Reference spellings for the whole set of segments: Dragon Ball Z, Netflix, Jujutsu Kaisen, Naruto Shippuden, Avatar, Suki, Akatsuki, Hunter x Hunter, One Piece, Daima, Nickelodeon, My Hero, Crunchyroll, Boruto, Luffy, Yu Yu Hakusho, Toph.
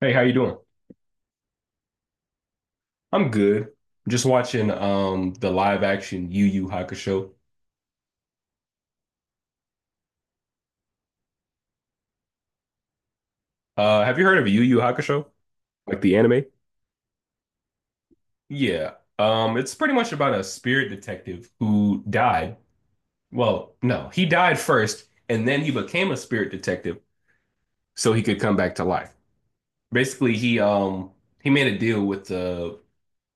Hey, how you doing? I'm good. I'm just watching the live action Yu Yu Hakusho. Have you heard of Yu Yu Hakusho? Like the anime? Yeah. It's pretty much about a spirit detective who died. Well, no, he died first, and then he became a spirit detective so he could come back to life. Basically, he he made a deal with the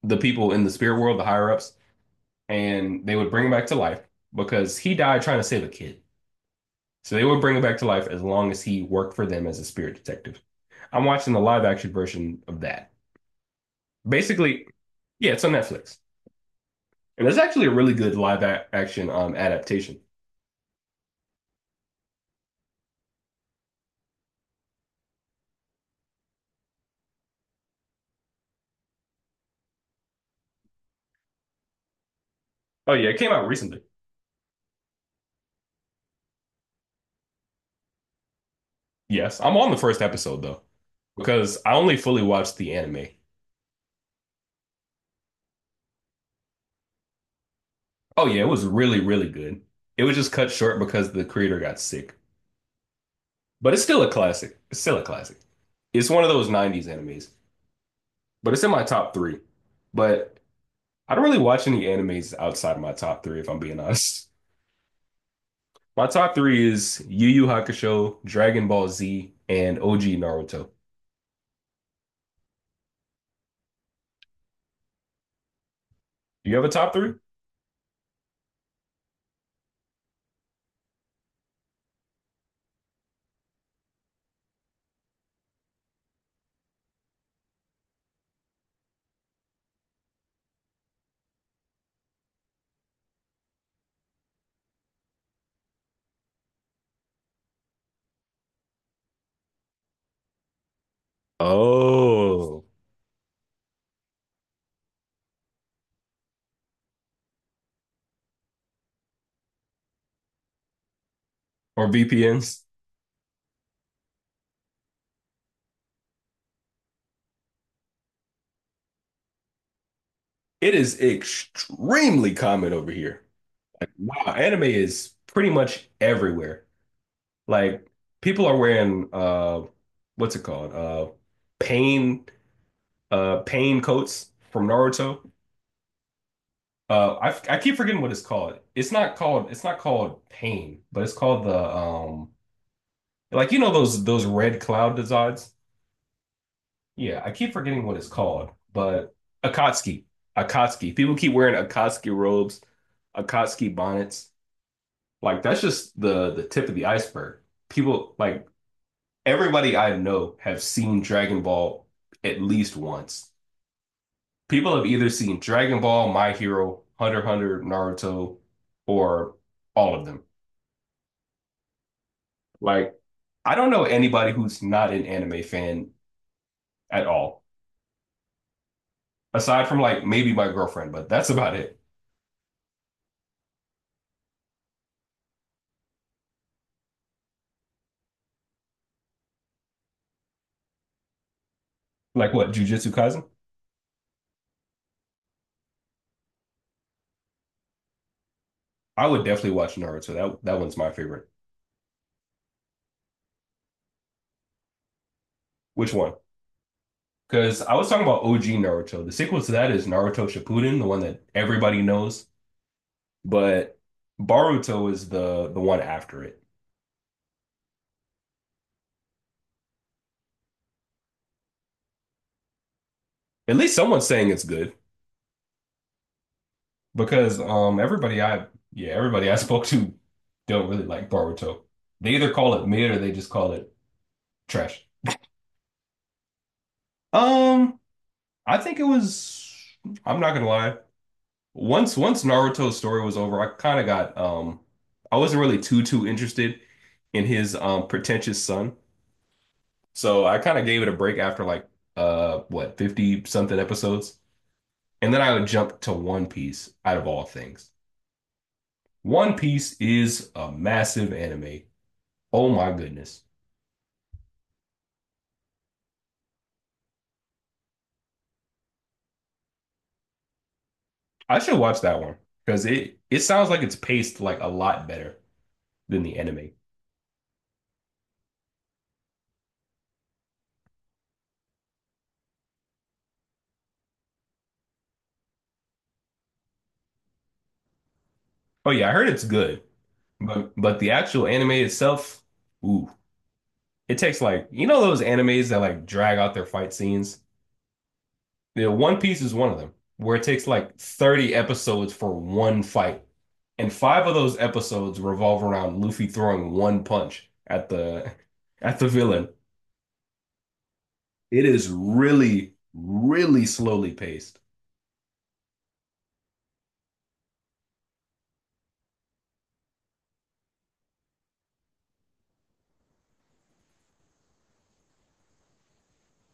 the people in the spirit world, the higher ups, and they would bring him back to life because he died trying to save a kid. So they would bring him back to life as long as he worked for them as a spirit detective. I'm watching the live action version of that. Basically, yeah, it's on Netflix. And there's actually a really good live action adaptation. Oh, yeah, it came out recently. Yes, I'm on the first episode though, because I only fully watched the anime. Oh, yeah, it was really, really good. It was just cut short because the creator got sick. But it's still a classic. It's still a classic. It's one of those 90s animes, but it's in my top three. But I don't really watch any animes outside of my top three, if I'm being honest. My top three is Yu Yu Hakusho, Dragon Ball Z, and OG Naruto. Do you have a top three? Oh, or VPNs? It is extremely common over here. Like, wow, anime is pretty much everywhere. Like people are wearing what's it called? Pain pain coats from Naruto. I keep forgetting what it's called. It's not called it's not called pain, but it's called the like you know those red cloud designs. Yeah, I keep forgetting what it's called, but Akatsuki, Akatsuki. People keep wearing Akatsuki robes, Akatsuki bonnets. Like that's just the tip of the iceberg. People like everybody I know have seen Dragon Ball at least once. People have either seen Dragon Ball, My Hero, Hunter x Hunter, Naruto, or all of them. Like, I don't know anybody who's not an anime fan at all, aside from like maybe my girlfriend, but that's about it. Like, what, Jujutsu Kaisen? I would definitely watch Naruto. That one's my favorite. Which one? Because I was talking about OG Naruto. The sequel to that is Naruto Shippuden, the one that everybody knows, but Boruto is the one after it. At least someone's saying it's good because everybody I spoke to don't really like Boruto. They either call it mid or they just call it trash. Um, I think it was, I'm not gonna lie. Once Naruto's story was over, I kind of got. I wasn't really too interested in his pretentious son. So I kind of gave it a break after like what 50 something episodes. And then I would jump to One Piece out of all things. One Piece is a massive anime. Oh my goodness. I should watch that one because it sounds like it's paced like a lot better than the anime. Oh yeah, I heard it's good. But the actual anime itself, ooh, it takes like you know those animes that like drag out their fight scenes? Yeah, One Piece is one of them, where it takes like 30 episodes for one fight. And five of those episodes revolve around Luffy throwing one punch at the at the villain. It is really, really slowly paced.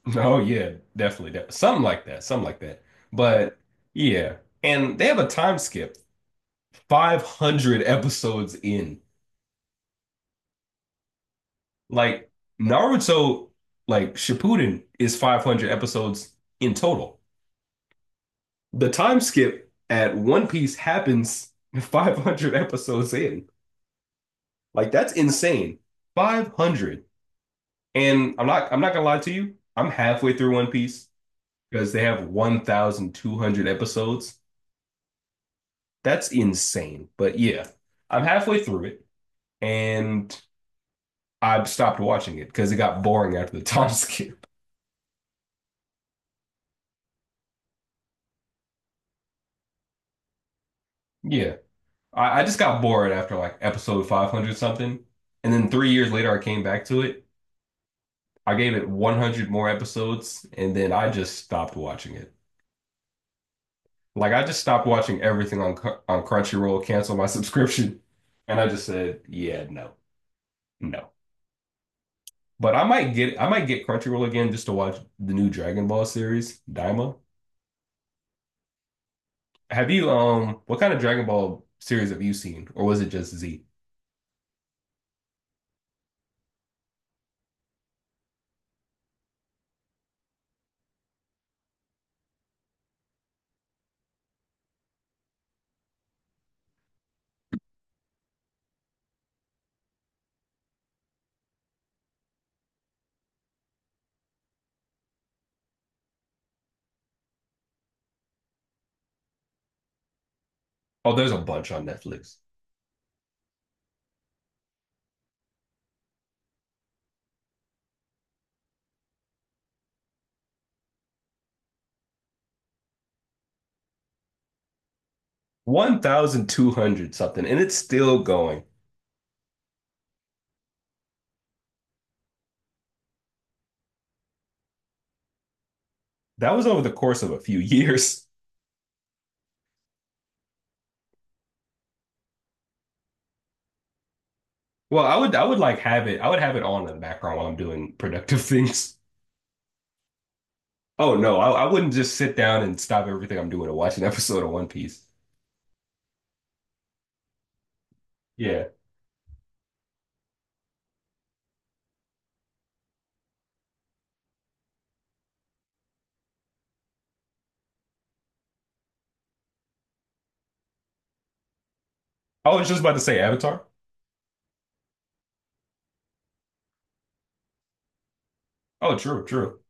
Oh yeah, definitely. De something like that. Something like that. But yeah. And they have a time skip, 500 episodes in. Like Naruto, like Shippuden is 500 episodes in total. The time skip at One Piece happens 500 episodes in. Like that's insane. 500. And I'm not gonna lie to you. I'm halfway through One Piece because they have 1,200 episodes. That's insane. But yeah, I'm halfway through it and I've stopped watching it because it got boring after the time skip. Yeah. I just got bored after like episode 500 something. And then 3 years later, I came back to it. I gave it 100 more episodes, and then I just stopped watching it. Like, I just stopped watching everything on Crunchyroll, canceled my subscription, and I just said, yeah, no, no. But I might get Crunchyroll again just to watch the new Dragon Ball series, Daima. Have you what kind of Dragon Ball series have you seen? Or was it just Z? Oh, there's a bunch on Netflix. 1,200 something, and it's still going. That was over the course of a few years. Well, I would have it on in the background while I'm doing productive things. Oh no, I wouldn't just sit down and stop everything I'm doing to watch an episode of One Piece. Yeah. I was just about to say Avatar. Oh, true, true.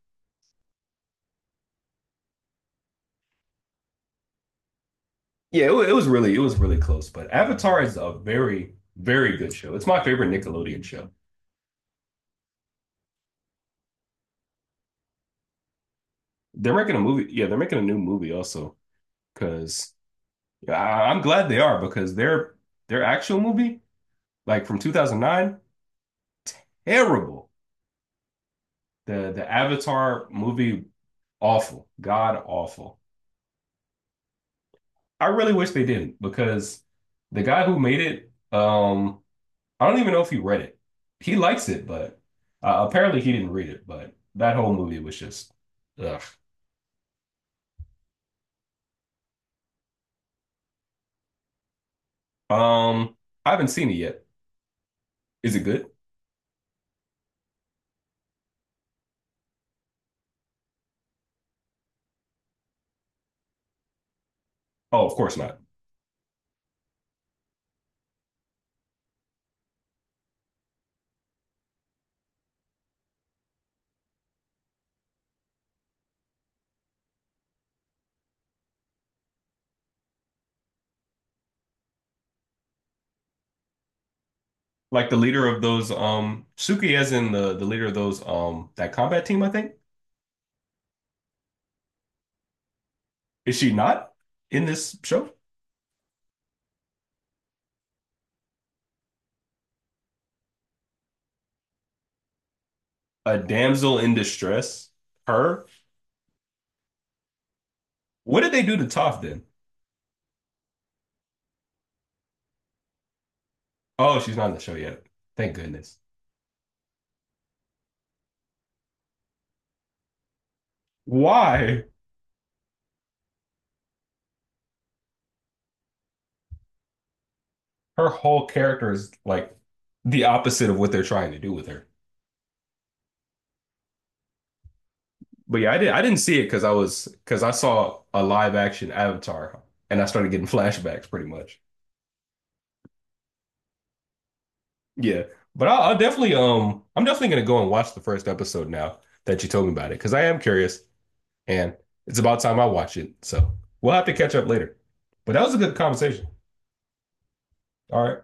Yeah, it was really close, but Avatar is a very good show. It's my favorite Nickelodeon show. They're making a movie. Yeah, they're making a new movie also because I'm glad they are because their actual movie like from 2009 terrible. The Avatar movie awful, god awful. I really wish they didn't because the guy who made it, I don't even know if he read it. He likes it, but apparently he didn't read it. But that whole movie was just, ugh. Um, I haven't seen it yet. Is it good? Oh, of course not. Like the leader of those, Suki, as in the leader of those, that combat team. I think is she not in this show? A damsel in distress. Her. What did they do to Toph then? Oh, she's not in the show yet. Thank goodness. Why? Her whole character is like the opposite of what they're trying to do with her. But yeah, I did. I didn't see it because I was because I saw a live action Avatar and I started getting flashbacks pretty much. Yeah, but I'll definitely I'm definitely gonna go and watch the first episode now that you told me about it because I am curious and it's about time I watch it. So we'll have to catch up later. But that was a good conversation. All right.